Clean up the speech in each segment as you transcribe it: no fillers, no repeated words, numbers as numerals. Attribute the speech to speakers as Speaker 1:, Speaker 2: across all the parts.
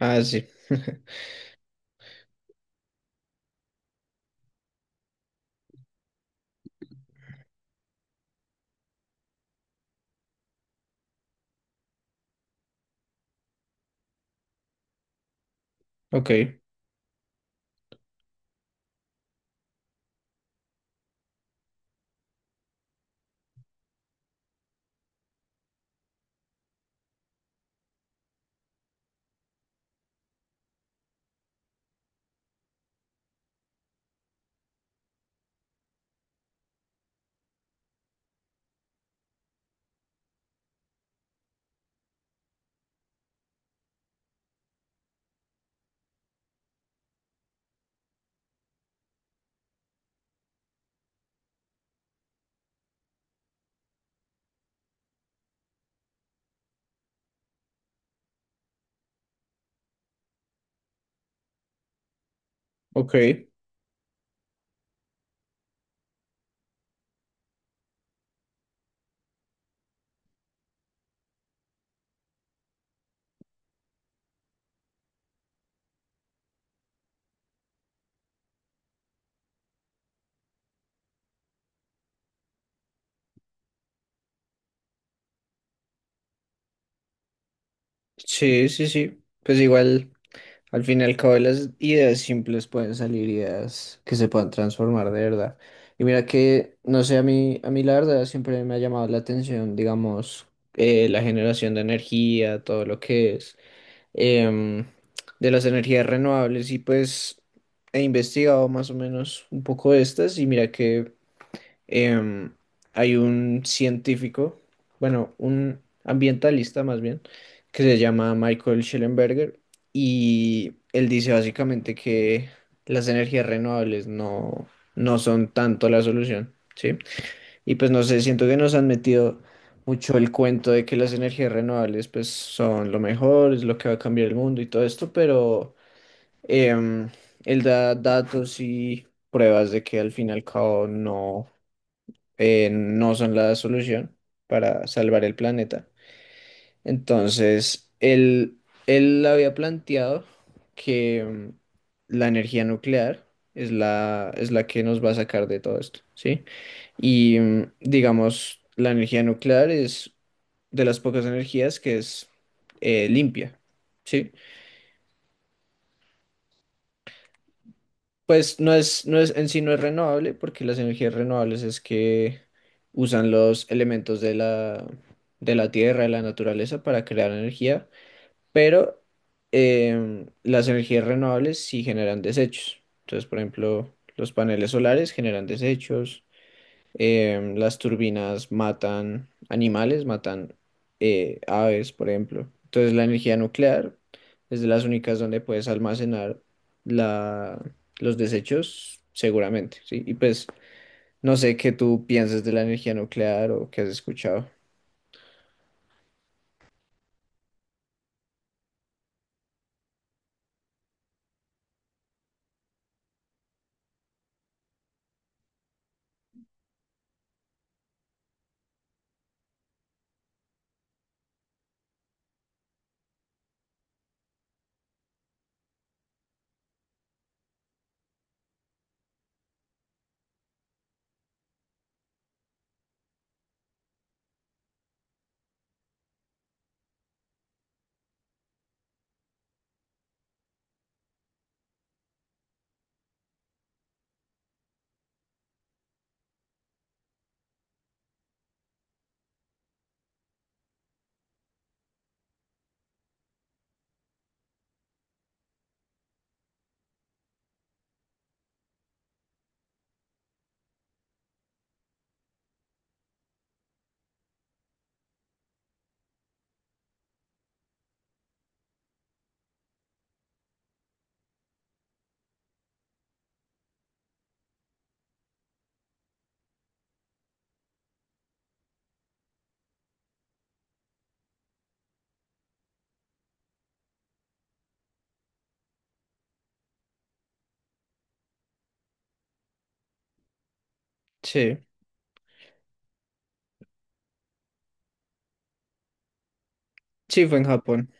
Speaker 1: Ah, sí. Ok, ok. Sí, sí, sí. Pues igual, al fin y al cabo, de las ideas simples pueden salir ideas que se puedan transformar de verdad. Y mira que, no sé, a mí la verdad siempre me ha llamado la atención, digamos, la generación de energía, todo lo que es em, de las energías renovables. Y pues he investigado más o menos un poco de estas y mira que em, hay un científico, bueno, un ambientalista más bien, que se llama Michael Schellenberger y él dice básicamente que las energías renovables no son tanto la solución, ¿sí? Y pues no sé, siento que nos han metido mucho el cuento de que las energías renovables pues son lo mejor, es lo que va a cambiar el mundo y todo esto, pero em, él da datos y pruebas de que al fin y al cabo no son la solución para salvar el planeta. Entonces, él había planteado que la energía nuclear es la que nos va a sacar de todo esto, ¿sí? Y digamos, la energía nuclear es de las pocas energías que es limpia, ¿sí? Pues no es, en sí no es renovable, porque las energías renovables es que usan los elementos de de la tierra, de la naturaleza para crear energía, pero las energías renovables sí generan desechos. Entonces, por ejemplo, los paneles solares generan desechos, las turbinas matan animales, matan aves, por ejemplo. Entonces la energía nuclear es de las únicas donde puedes almacenar la, los desechos seguramente, ¿sí? Y pues no sé qué tú pienses de la energía nuclear o qué has escuchado. Sí, sí, fue en Japón.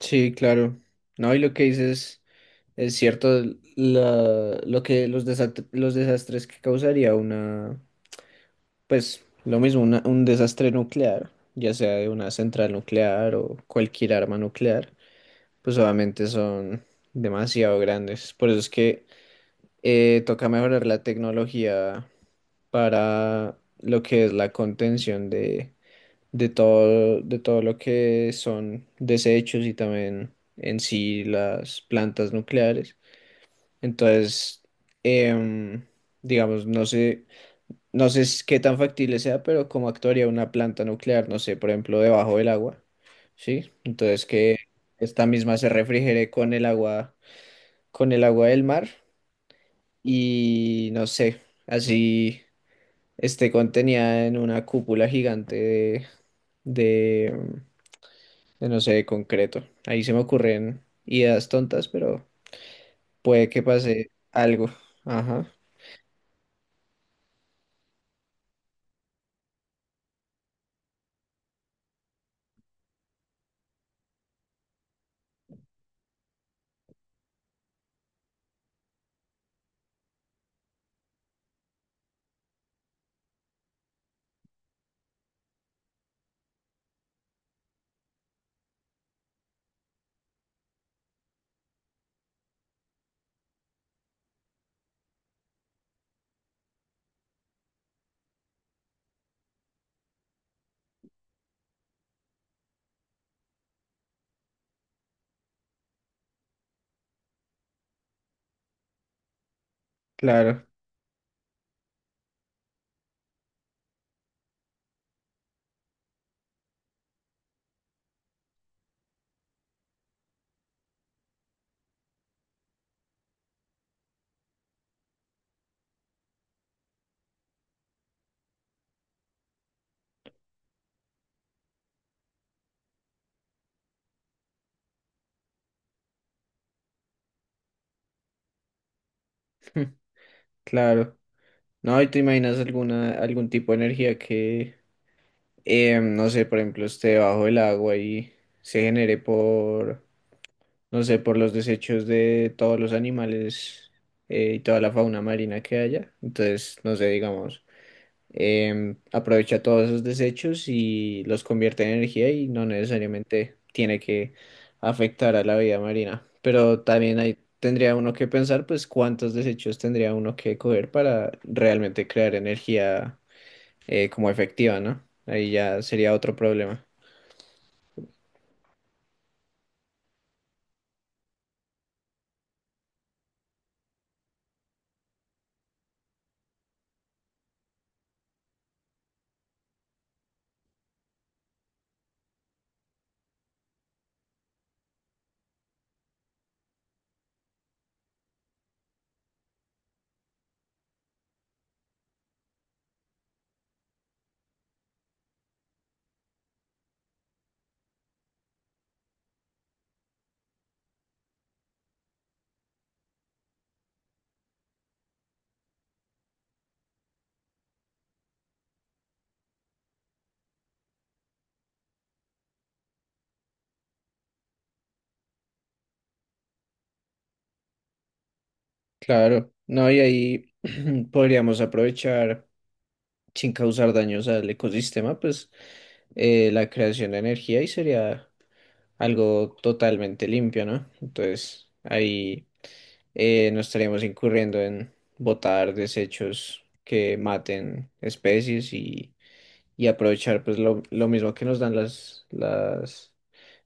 Speaker 1: Sí, claro. No, y lo que dices es cierto, lo que los desastres que causaría una. Pues lo mismo, un desastre nuclear, ya sea de una central nuclear o cualquier arma nuclear, pues obviamente son demasiado grandes. Por eso es que toca mejorar la tecnología para lo que es la contención de todo lo que son desechos y también en sí las plantas nucleares. Entonces, em, digamos, no sé. Qué tan factible sea, pero cómo actuaría una planta nuclear, no sé, por ejemplo, debajo del agua, ¿sí? Entonces que esta misma se refrigere con el agua del mar y no sé, así esté contenida en una cúpula gigante de, de, no sé, de concreto. Ahí se me ocurren ideas tontas, pero puede que pase algo. Ajá, claro, claro. No, ¿y te imaginas alguna, algún tipo de energía que no sé, por ejemplo, esté debajo del agua y se genere por, no sé, por los desechos de todos los animales y toda la fauna marina que haya. Entonces, no sé, digamos, aprovecha todos esos desechos y los convierte en energía y no necesariamente tiene que afectar a la vida marina. Pero también ahí tendría uno que pensar, pues, cuántos desechos tendría uno que coger para realmente crear energía como efectiva, ¿no? Ahí ya sería otro problema. Claro, no, y ahí podríamos aprovechar sin causar daños al ecosistema, pues la creación de energía y sería algo totalmente limpio, ¿no? Entonces ahí no estaríamos incurriendo en botar desechos que maten especies y aprovechar pues lo mismo que nos dan las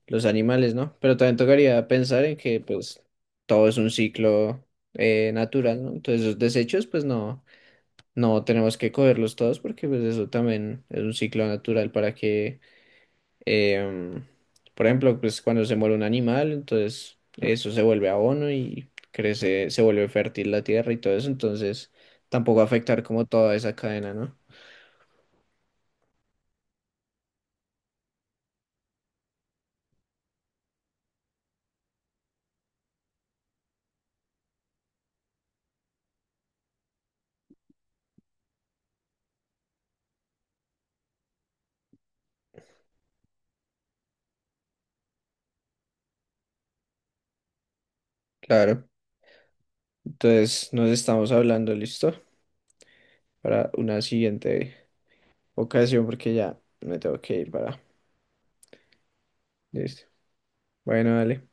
Speaker 1: los animales, ¿no? Pero también tocaría pensar en que pues todo es un ciclo natural, ¿no? Entonces los desechos pues no tenemos que cogerlos todos porque pues eso también es un ciclo natural para que, em, por ejemplo, pues cuando se muere un animal, entonces eso se vuelve abono y crece, se vuelve fértil la tierra y todo eso, entonces tampoco afectar como toda esa cadena, ¿no? Claro, entonces nos estamos hablando, ¿listo? Para una siguiente ocasión porque ya me tengo que ir para. Listo. Bueno, dale.